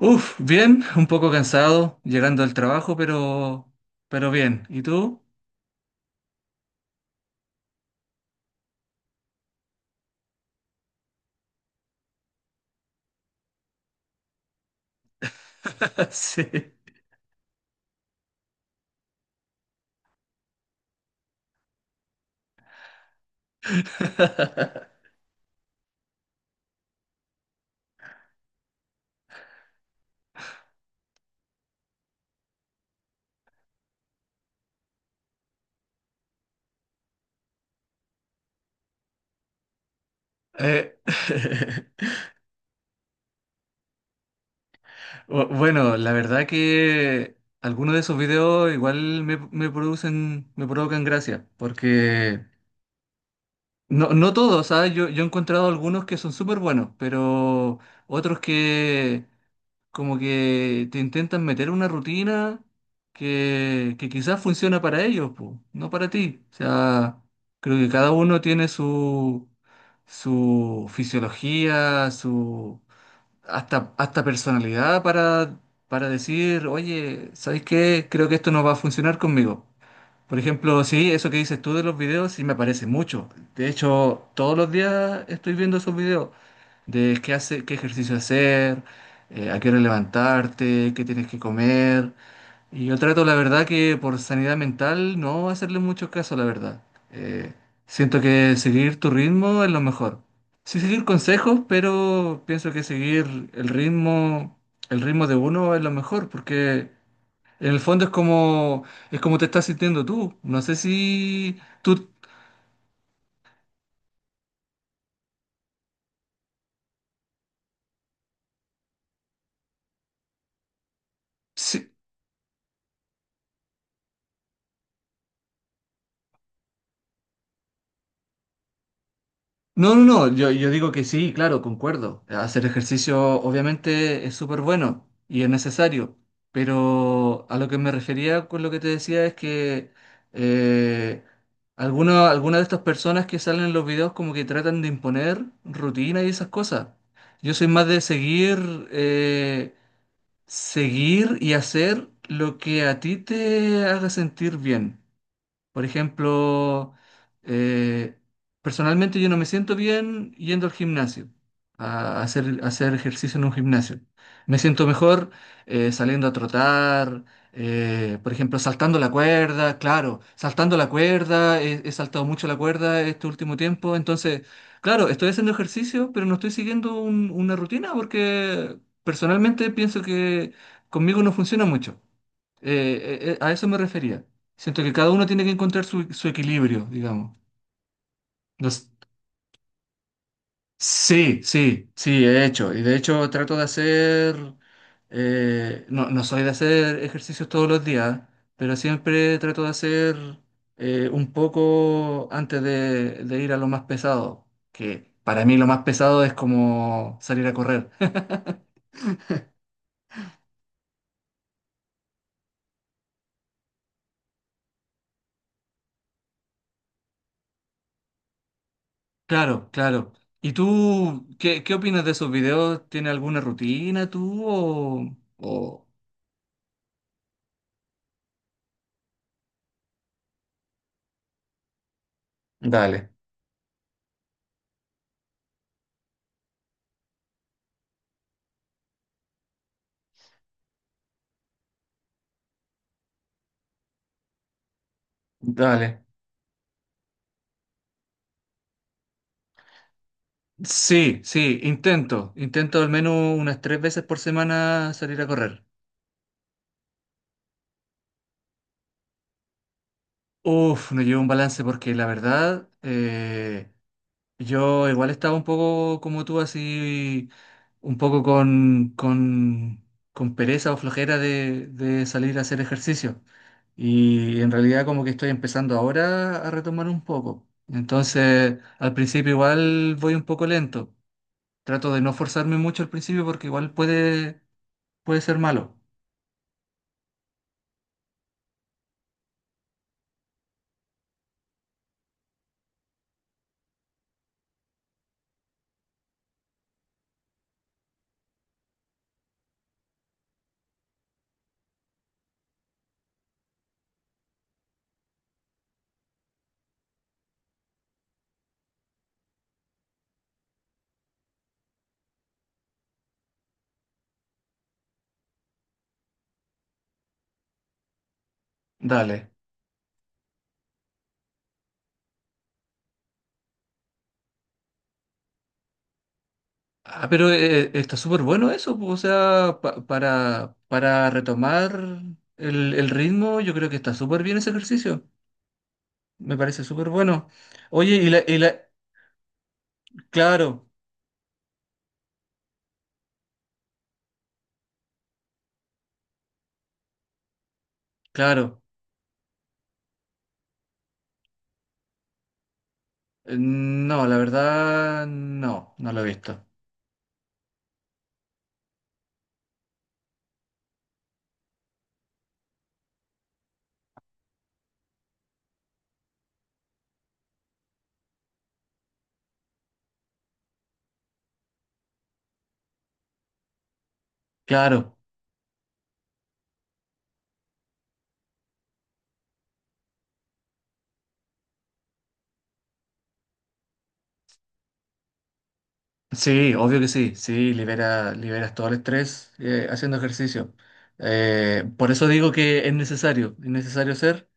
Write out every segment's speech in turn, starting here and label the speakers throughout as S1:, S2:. S1: Uf, bien, un poco cansado llegando al trabajo, pero bien. ¿Y tú? Sí. Eh, bueno, la verdad que algunos de esos videos igual me producen, me provocan gracia, porque no todos, ¿sabes? Yo he encontrado algunos que son súper buenos, pero otros que, como que te intentan meter una rutina que quizás funciona para ellos, po, no para ti. O sea, creo que cada uno tiene su, su fisiología, su hasta personalidad para decir, oye, ¿sabes qué? Creo que esto no va a funcionar conmigo. Por ejemplo, sí, eso que dices tú de los videos, sí me aparece mucho. De hecho, todos los días estoy viendo esos videos de qué hace, qué ejercicio hacer, a qué hora levantarte, qué tienes que comer. Y yo trato, la verdad, que por sanidad mental no hacerle mucho caso, la verdad. Eh, siento que seguir tu ritmo es lo mejor. Sí seguir consejos, pero pienso que seguir el ritmo de uno es lo mejor, porque en el fondo es como te estás sintiendo tú. No sé si tú... si- No, no, no, yo digo que sí, claro, concuerdo. Hacer ejercicio obviamente es súper bueno y es necesario, pero a lo que me refería con lo que te decía es que eh, algunas de estas personas que salen en los videos como que tratan de imponer rutina y esas cosas. Yo soy más de seguir... seguir y hacer lo que a ti te haga sentir bien. Por ejemplo, eh, personalmente yo no me siento bien yendo al gimnasio, a hacer ejercicio en un gimnasio. Me siento mejor saliendo a trotar, por ejemplo, saltando la cuerda, claro, saltando la cuerda, he saltado mucho la cuerda este último tiempo, entonces, claro, estoy haciendo ejercicio, pero no estoy siguiendo una rutina porque personalmente pienso que conmigo no funciona mucho. Eh, a eso me refería. Siento que cada uno tiene que encontrar su, su equilibrio, digamos. No s- Sí, sí, sí, he hecho. Y de hecho trato de hacer, no, no soy de hacer ejercicios todos los días, pero siempre trato de hacer un poco antes de ir a lo más pesado, que para mí lo más pesado es como salir a correr. Claro, claro. ¿Y tú qué, qué opinas de esos videos? ¿Tiene alguna rutina tú o, dale, dale. Sí, sí, intento. Intento al menos unas tres veces por semana salir a correr. Uf, no llevo un balance porque la verdad, yo igual estaba un poco como tú, así, un poco con pereza o flojera de salir a hacer ejercicio. Y en realidad como que estoy empezando ahora a retomar un poco. Entonces, al principio igual voy un poco lento. Trato de no forzarme mucho al principio porque igual puede, puede ser malo. Dale. Ah, pero está súper bueno eso, po, o sea, para retomar el ritmo, yo creo que está súper bien ese ejercicio. Me parece súper bueno. Oye, y la... Claro, claro. No, la verdad, no, no lo he visto. Claro. Sí, obvio que sí, sí, libera, liberas todo el estrés haciendo ejercicio. Por eso digo que es necesario hacer,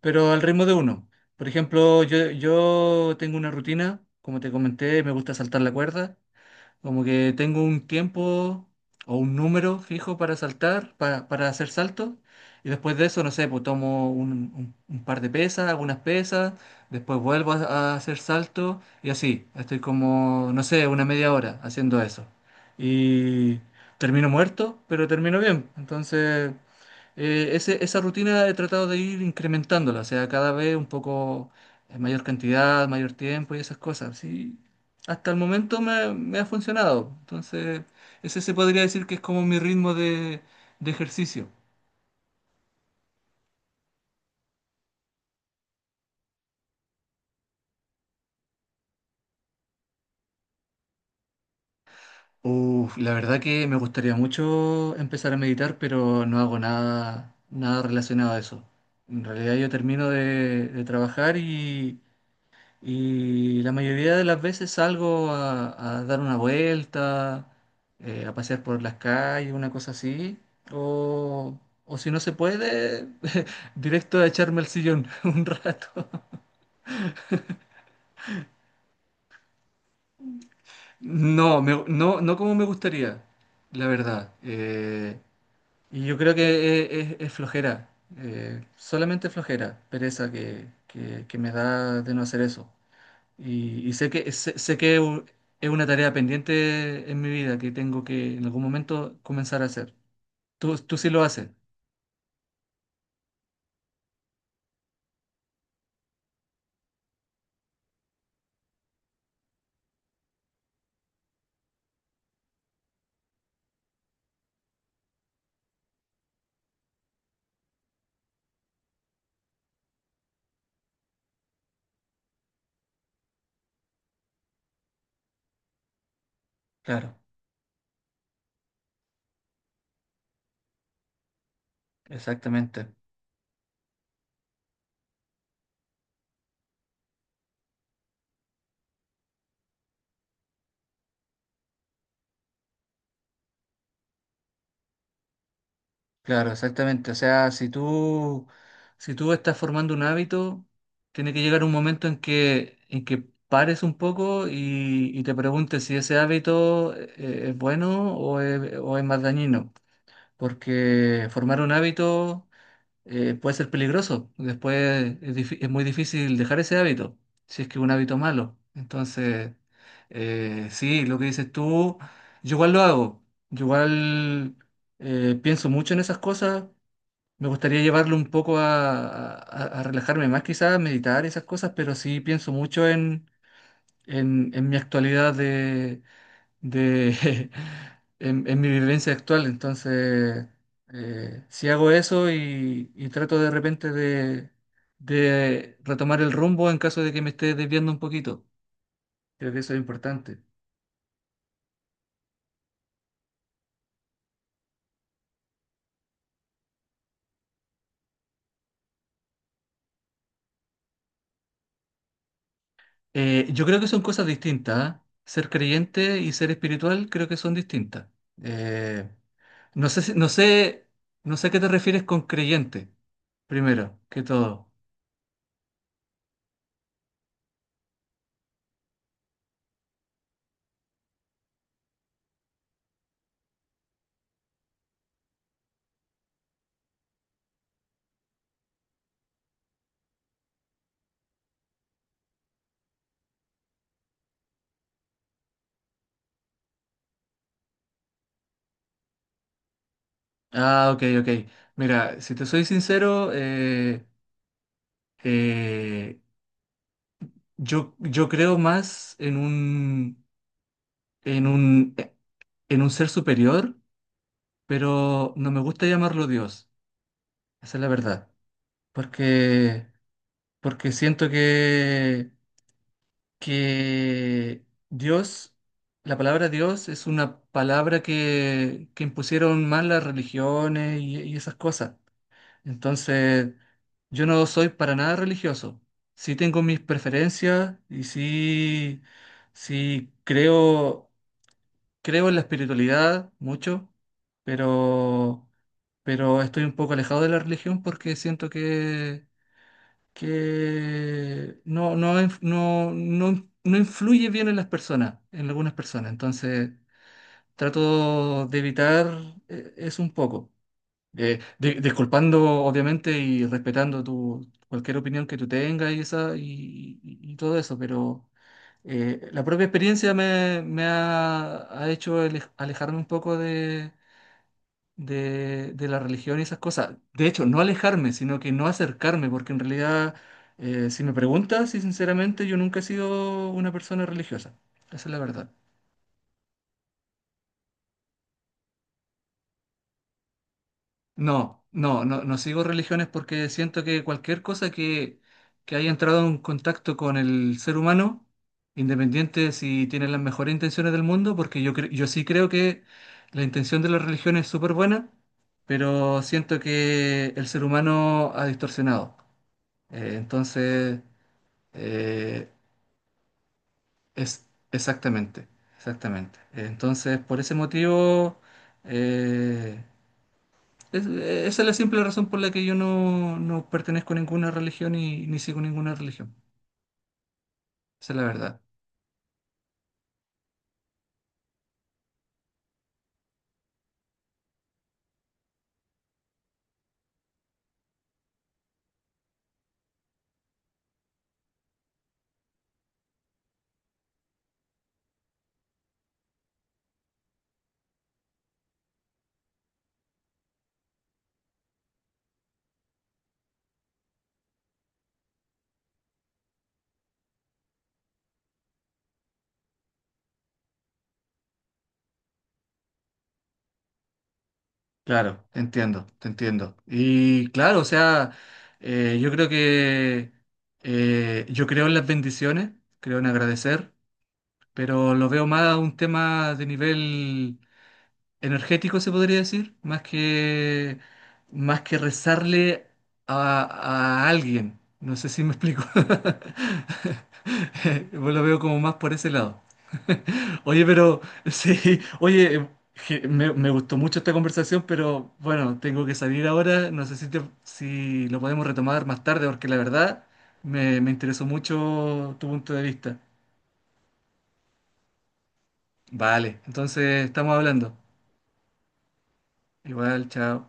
S1: pero al ritmo de uno. Por ejemplo, yo tengo una rutina, como te comenté, me gusta saltar la cuerda. Como que tengo un tiempo o un número fijo para saltar, para hacer saltos. Y después de eso, no sé, pues tomo un, un par de pesas, algunas pesas, después vuelvo a hacer salto y así. Estoy como, no sé, una media hora haciendo eso. Y termino muerto, pero termino bien. Entonces, esa rutina he tratado de ir incrementándola, o sea, cada vez un poco mayor cantidad, mayor tiempo y esas cosas. Sí, hasta el momento me, me ha funcionado. Entonces, ese se podría decir que es como mi ritmo de ejercicio. Uf, la verdad que me gustaría mucho empezar a meditar, pero no hago nada, nada relacionado a eso. En realidad yo termino de trabajar y la mayoría de las veces salgo a dar una vuelta, a pasear por las calles, una cosa así. O, o si no se puede, directo a echarme al sillón un rato. No, no, no como me gustaría, la verdad. Y yo creo que es, es flojera, solamente flojera, pereza que me da de no hacer eso. Y sé que, sé, es una tarea pendiente en mi vida que tengo que en algún momento comenzar a hacer. Tú sí lo haces. Claro, exactamente. Claro, exactamente. O sea, si tú estás formando un hábito, tiene que llegar un momento en que pares un poco y te preguntes si ese hábito es bueno o es más dañino. Porque formar un hábito puede ser peligroso. Después es, es muy difícil dejar ese hábito, si es que es un hábito malo. Entonces, sí, lo que dices tú, yo igual lo hago. Yo igual pienso mucho en esas cosas. Me gustaría llevarlo un poco a, a relajarme más, quizás, a meditar y esas cosas, pero sí pienso mucho en mi actualidad de, en mi vivencia actual. Entonces, si hago eso y trato de repente de retomar el rumbo en caso de que me esté desviando un poquito, creo que eso es importante. Yo creo que son cosas distintas, ¿ah? Ser creyente y ser espiritual creo que son distintas. Eh, no sé, no sé, no sé a qué te refieres con creyente, primero que todo. Ah, ok, ok. Mira, si te soy sincero, Eh, yo creo más en un, en un, en un ser superior, pero no me gusta llamarlo Dios. Esa es la verdad. Porque, porque siento que Dios, la palabra Dios es una palabra que impusieron más las religiones y esas cosas. Entonces, yo no soy para nada religioso. Sí tengo mis preferencias y sí, sí creo, creo en la espiritualidad mucho, pero, pero estoy un poco alejado de la religión porque siento que no, no, no, no, no influye bien en las personas, en algunas personas. Entonces, trato de evitar eso un poco. Disculpando, obviamente, y respetando tu, cualquier opinión que tú tengas y, esa, y, y todo eso, pero la propia experiencia me, me ha, ha hecho alejarme un poco de la religión y esas cosas. De hecho, no alejarme, sino que no acercarme, porque en realidad, si me preguntas, y sinceramente, yo nunca he sido una persona religiosa. Esa es la verdad. No, no, no, no sigo religiones porque siento que cualquier cosa que haya entrado en contacto con el ser humano, independiente de si tiene las mejores intenciones del mundo, porque yo, yo sí creo que la intención de la religión es súper buena, pero siento que el ser humano ha distorsionado. Entonces, eh, es exactamente, exactamente. Entonces, por ese motivo... eh, esa es la simple razón por la que yo no, no pertenezco a ninguna religión y ni sigo ninguna religión. Esa es la verdad. Claro, te entiendo, te entiendo. Y claro, o sea, yo creo que yo creo en las bendiciones, creo en agradecer, pero lo veo más a un tema de nivel energético se podría decir, más que rezarle a, a alguien. No sé si me explico. Yo lo veo como más por ese lado. Oye, pero sí, oye, me, me gustó mucho esta conversación, pero bueno, tengo que salir ahora. No sé si, si lo podemos retomar más tarde, porque la verdad me, me interesó mucho tu punto de vista. Vale, entonces estamos hablando. Igual, chao.